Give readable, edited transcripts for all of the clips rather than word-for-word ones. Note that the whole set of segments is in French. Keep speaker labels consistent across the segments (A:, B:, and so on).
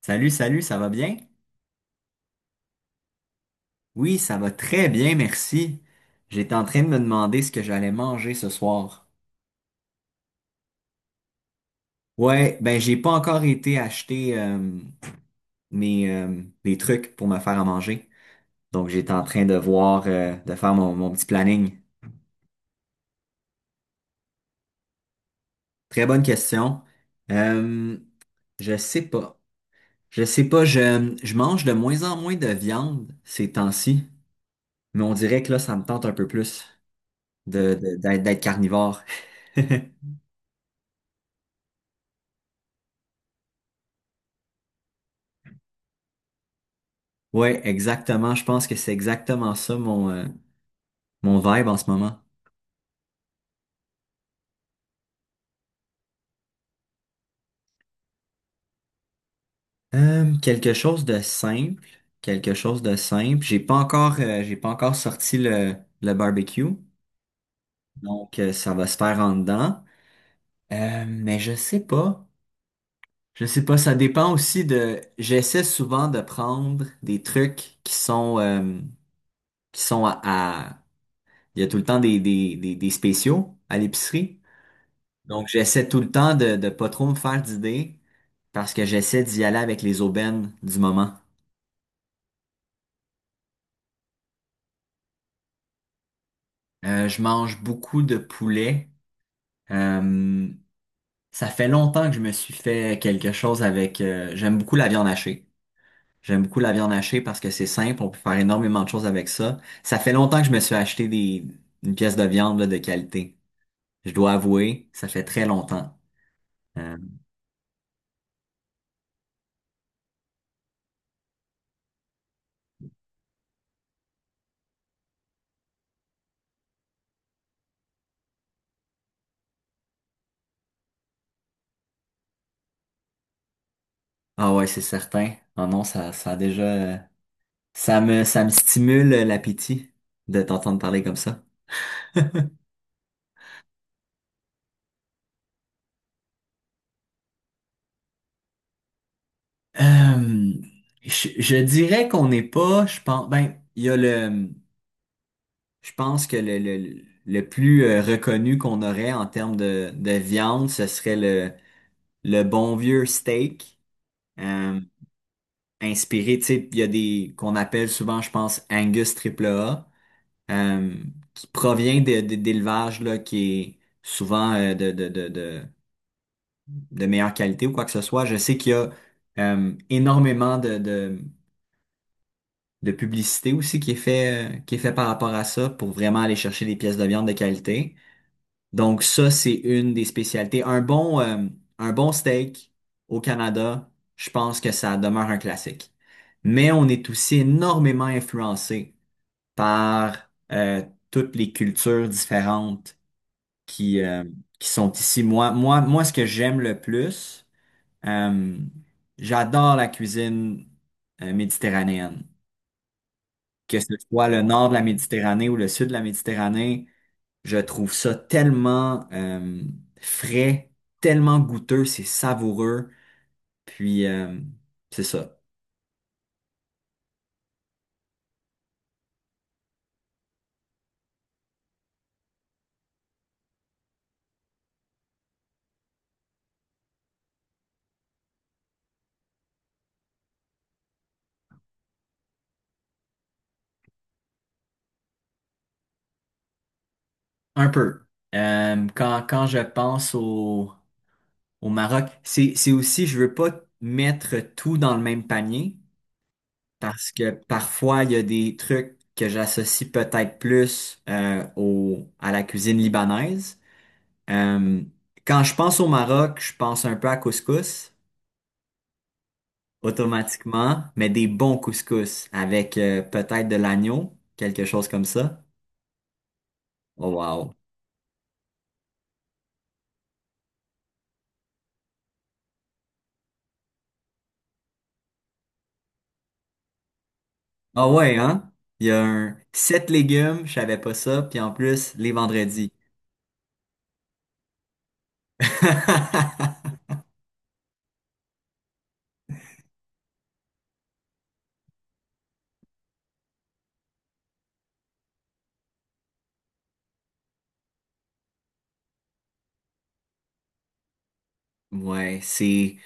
A: Salut, salut, ça va bien? Oui, ça va très bien, merci. J'étais en train de me demander ce que j'allais manger ce soir. Ouais, ben j'ai pas encore été acheter mes, mes trucs pour me faire à manger. Donc j'étais en train de voir, de faire mon petit planning. Très bonne question. Euh, je sais pas. Je sais pas, je mange de moins en moins de viande ces temps-ci, mais on dirait que là, ça me tente un peu plus de, d'être carnivore. Ouais, exactement. Je pense que c'est exactement ça mon, mon vibe en ce moment. Quelque chose de simple. Quelque chose de simple. J'ai pas encore sorti le barbecue. Donc, ça va se faire en dedans. Mais je sais pas. Je sais pas. Ça dépend aussi de. J'essaie souvent de prendre des trucs qui sont à, à- il y a tout le temps des spéciaux à l'épicerie. Donc, j'essaie tout le temps de pas trop me faire d'idées parce que j'essaie d'y aller avec les aubaines du moment. Je mange beaucoup de poulet. Euh, ça fait longtemps que je me suis fait quelque chose avec… j'aime beaucoup la viande hachée. J'aime beaucoup la viande hachée parce que c'est simple, on peut faire énormément de choses avec ça. Ça fait longtemps que je me suis acheté des, une pièce de viande là, de qualité. Je dois avouer, ça fait très longtemps. Euh, ah ouais, c'est certain. Ah non, ça a déjà… ça me stimule l'appétit de t'entendre parler comme ça. Euh, je dirais qu'on n'est pas, je pense, ben, il y a le, je pense que le plus reconnu qu'on aurait en termes de viande, ce serait le bon vieux steak, euh, inspiré, tu sais, il y a des, qu'on appelle souvent, je pense, Angus triple A, euh, qui provient de, d'élevage, là, qui est souvent de meilleure qualité ou quoi que ce soit. Je sais qu'il y a énormément de publicité aussi qui est fait par rapport à ça pour vraiment aller chercher des pièces de viande de qualité. Donc ça, c'est une des spécialités. Un bon steak au Canada, je pense que ça demeure un classique. Mais on est aussi énormément influencé par toutes les cultures différentes qui, euh, qui sont ici. Moi, ce que j'aime le plus, Euh, j'adore la cuisine méditerranéenne. Que ce soit le nord de la Méditerranée ou le sud de la Méditerranée, je trouve ça tellement frais, tellement goûteux, c'est savoureux. Puis, c'est ça. Un peu. Quand je pense au, au Maroc, c'est aussi, je veux pas mettre tout dans le même panier. Parce que parfois, il y a des trucs que j'associe peut-être plus au, à la cuisine libanaise. Euh, quand je pense au Maroc, je pense un peu à couscous, automatiquement, mais des bons couscous avec peut-être de l'agneau, quelque chose comme ça. Oh wow. Ah ouais, hein? Il y a un sept légumes, je savais pas ça, puis en plus, les vendredis. Ouais, c'est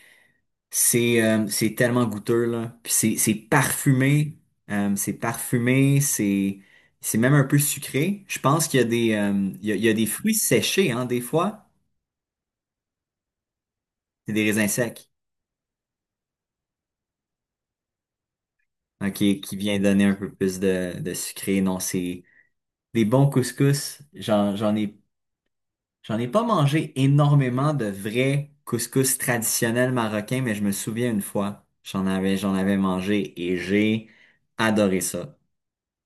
A: C'est c'est tellement goûteux, là. Puis c'est parfumé. C'est parfumé. C'est même un peu sucré. Je pense qu'il y a des, il y a des fruits séchés, hein, des fois. C'est des raisins secs, hein, qui vient donner un peu plus de sucré. Non, c'est des bons couscous. J'en ai pas mangé énormément de vrais couscous traditionnels marocains, mais je me souviens une fois, j'en avais mangé et j'ai adoré ça.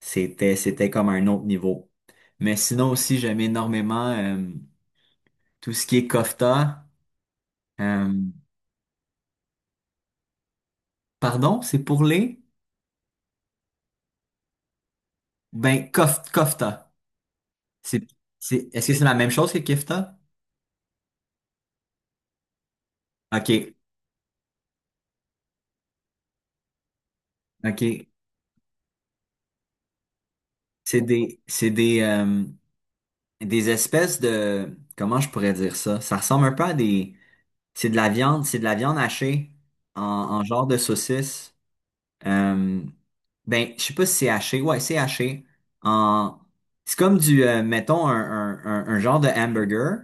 A: C'était, c'était comme un autre niveau. Mais sinon aussi, j'aime énormément tout ce qui est kofta. Euh, pardon, c'est pour les? Ben, kofta. C'est, c'est, est-ce que c'est la même chose que kefta? OK, OK. C'est des espèces de… Comment je pourrais dire ça? Ça ressemble un peu à des… C'est de la viande, c'est de la viande hachée en, en genre de saucisse. Euh, ben, je sais pas si c'est haché. Ouais, c'est haché. En… C'est comme du, mettons, un, un genre de hamburger,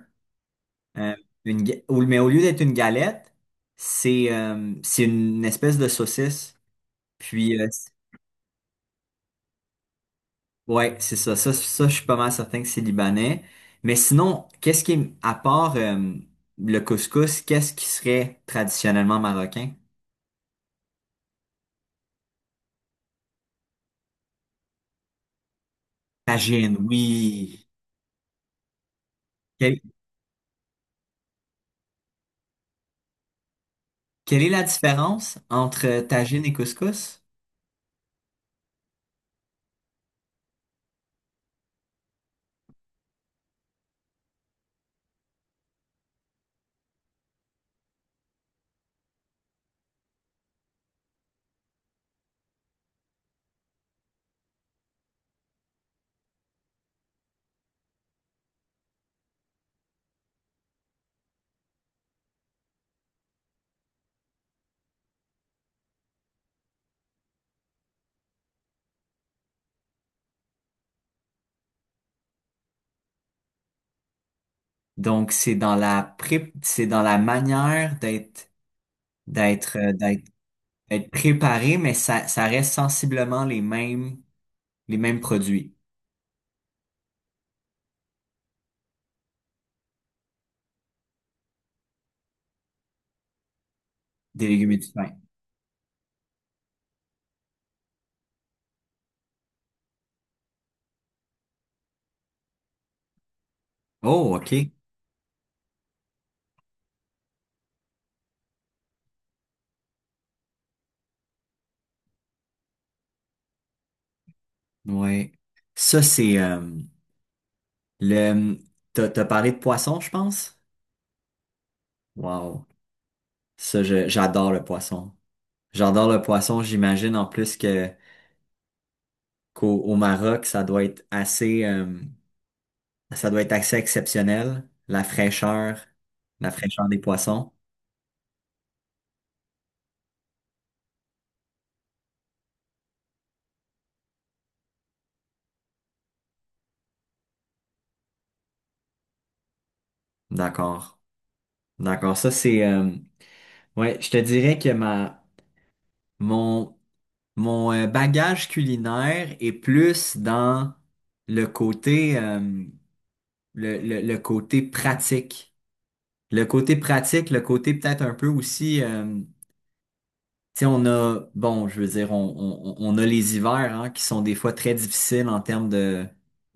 A: euh, une, mais au lieu d'être une galette, c'est une espèce de saucisse. Puis, ouais, c'est ça. Je suis pas mal certain que c'est libanais. Mais sinon, à part le couscous, qu'est-ce qui serait traditionnellement marocain? Tagine, oui. Quelle, quelle est la différence entre tagine et couscous? Donc, c'est dans la c'est dans la manière d'être, d'être, euh, d'être, d'être préparé, mais ça reste sensiblement les mêmes produits des légumes et du pain. Oh, OK. Ouais. Ça, c'est, le, t'as parlé de poisson, je pense? Wow. Ça, j'adore le poisson. J'adore le poisson. J'imagine en plus que, qu'au au Maroc, ça doit être assez, ça doit être assez exceptionnel, la fraîcheur des poissons. D'accord. D'accord. Ça, c'est… ouais, je te dirais que ma… mon, mon bagage culinaire est plus dans le côté, le côté pratique. Le côté pratique, le côté peut-être un peu aussi… tu sais, on a, bon, je veux dire, on a les hivers hein, qui sont des fois très difficiles en termes de,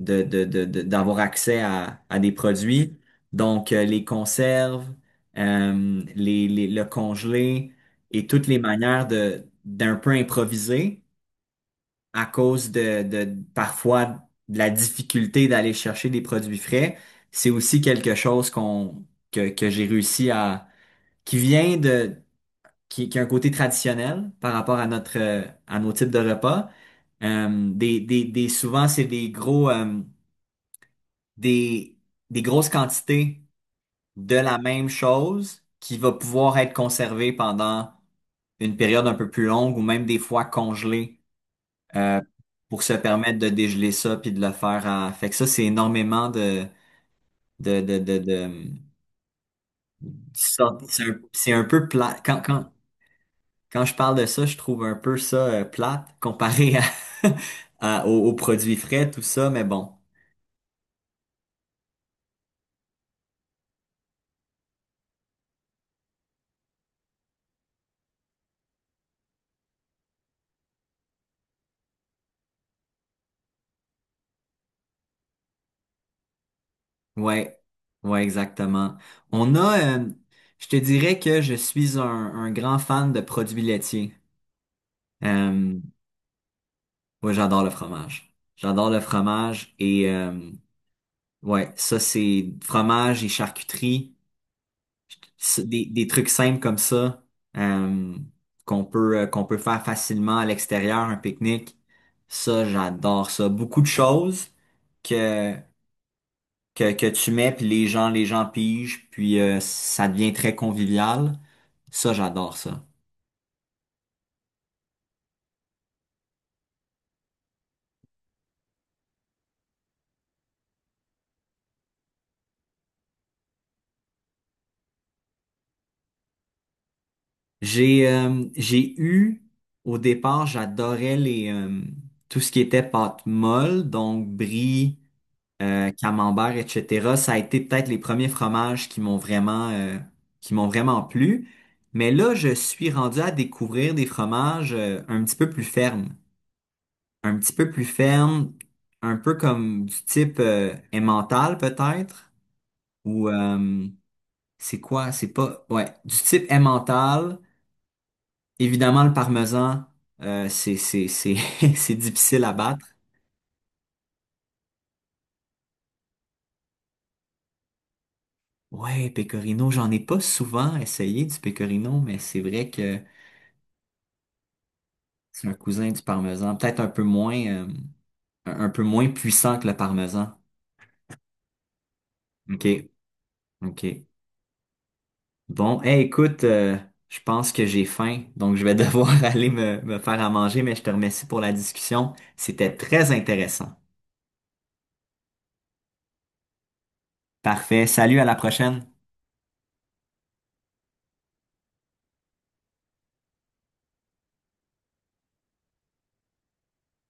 A: d'avoir accès à des produits. Donc, les conserves, le congelé et toutes les manières de, d'un peu improviser à cause de parfois de la difficulté d'aller chercher des produits frais. C'est aussi quelque chose qu'on, que j'ai réussi à, qui vient de qui a un côté traditionnel par rapport à notre à nos types de repas. Des souvent c'est des gros des, des grosses quantités de la même chose qui va pouvoir être conservée pendant une période un peu plus longue ou même des fois congelée euh, pour se permettre de dégeler ça puis de le faire à… Fait que ça, c'est énormément de c'est un, c'est un peu plat. Quand je parle de ça, je trouve un peu ça plate comparé à, aux, aux produits frais, tout ça, mais bon. Ouais, ouais, exactement. On a, je te dirais que je suis un grand fan de produits laitiers. Euh, ouais, j'adore le fromage. J'adore le fromage et ouais, ça c'est fromage et charcuterie. Des trucs simples comme ça euh, qu'on peut faire facilement à l'extérieur, un pique-nique. Ça, j'adore ça. Beaucoup de choses que que tu mets puis les gens pigent puis ça devient très convivial. Ça, j'adore ça. J'ai eu au départ, j'adorais les tout ce qui était pâte molle, donc brie, camembert, etc. Ça a été peut-être les premiers fromages qui m'ont vraiment plu. Mais là, je suis rendu à découvrir des fromages un petit peu plus fermes. Un petit peu plus fermes, un peu comme du type emmental peut-être. Ou c'est quoi? C'est pas… Ouais, du type emmental. Évidemment, le parmesan, c'est, c'est difficile à battre. Ouais, pecorino, j'en ai pas souvent essayé du pecorino, mais c'est vrai que… C'est un cousin du parmesan. Peut-être un peu moins, un peu moins puissant que le parmesan. OK. OK. Bon, eh écoute, je pense que j'ai faim, donc je vais devoir aller me, me faire à manger, mais je te remercie pour la discussion. C'était très intéressant. Parfait. Salut, à la prochaine.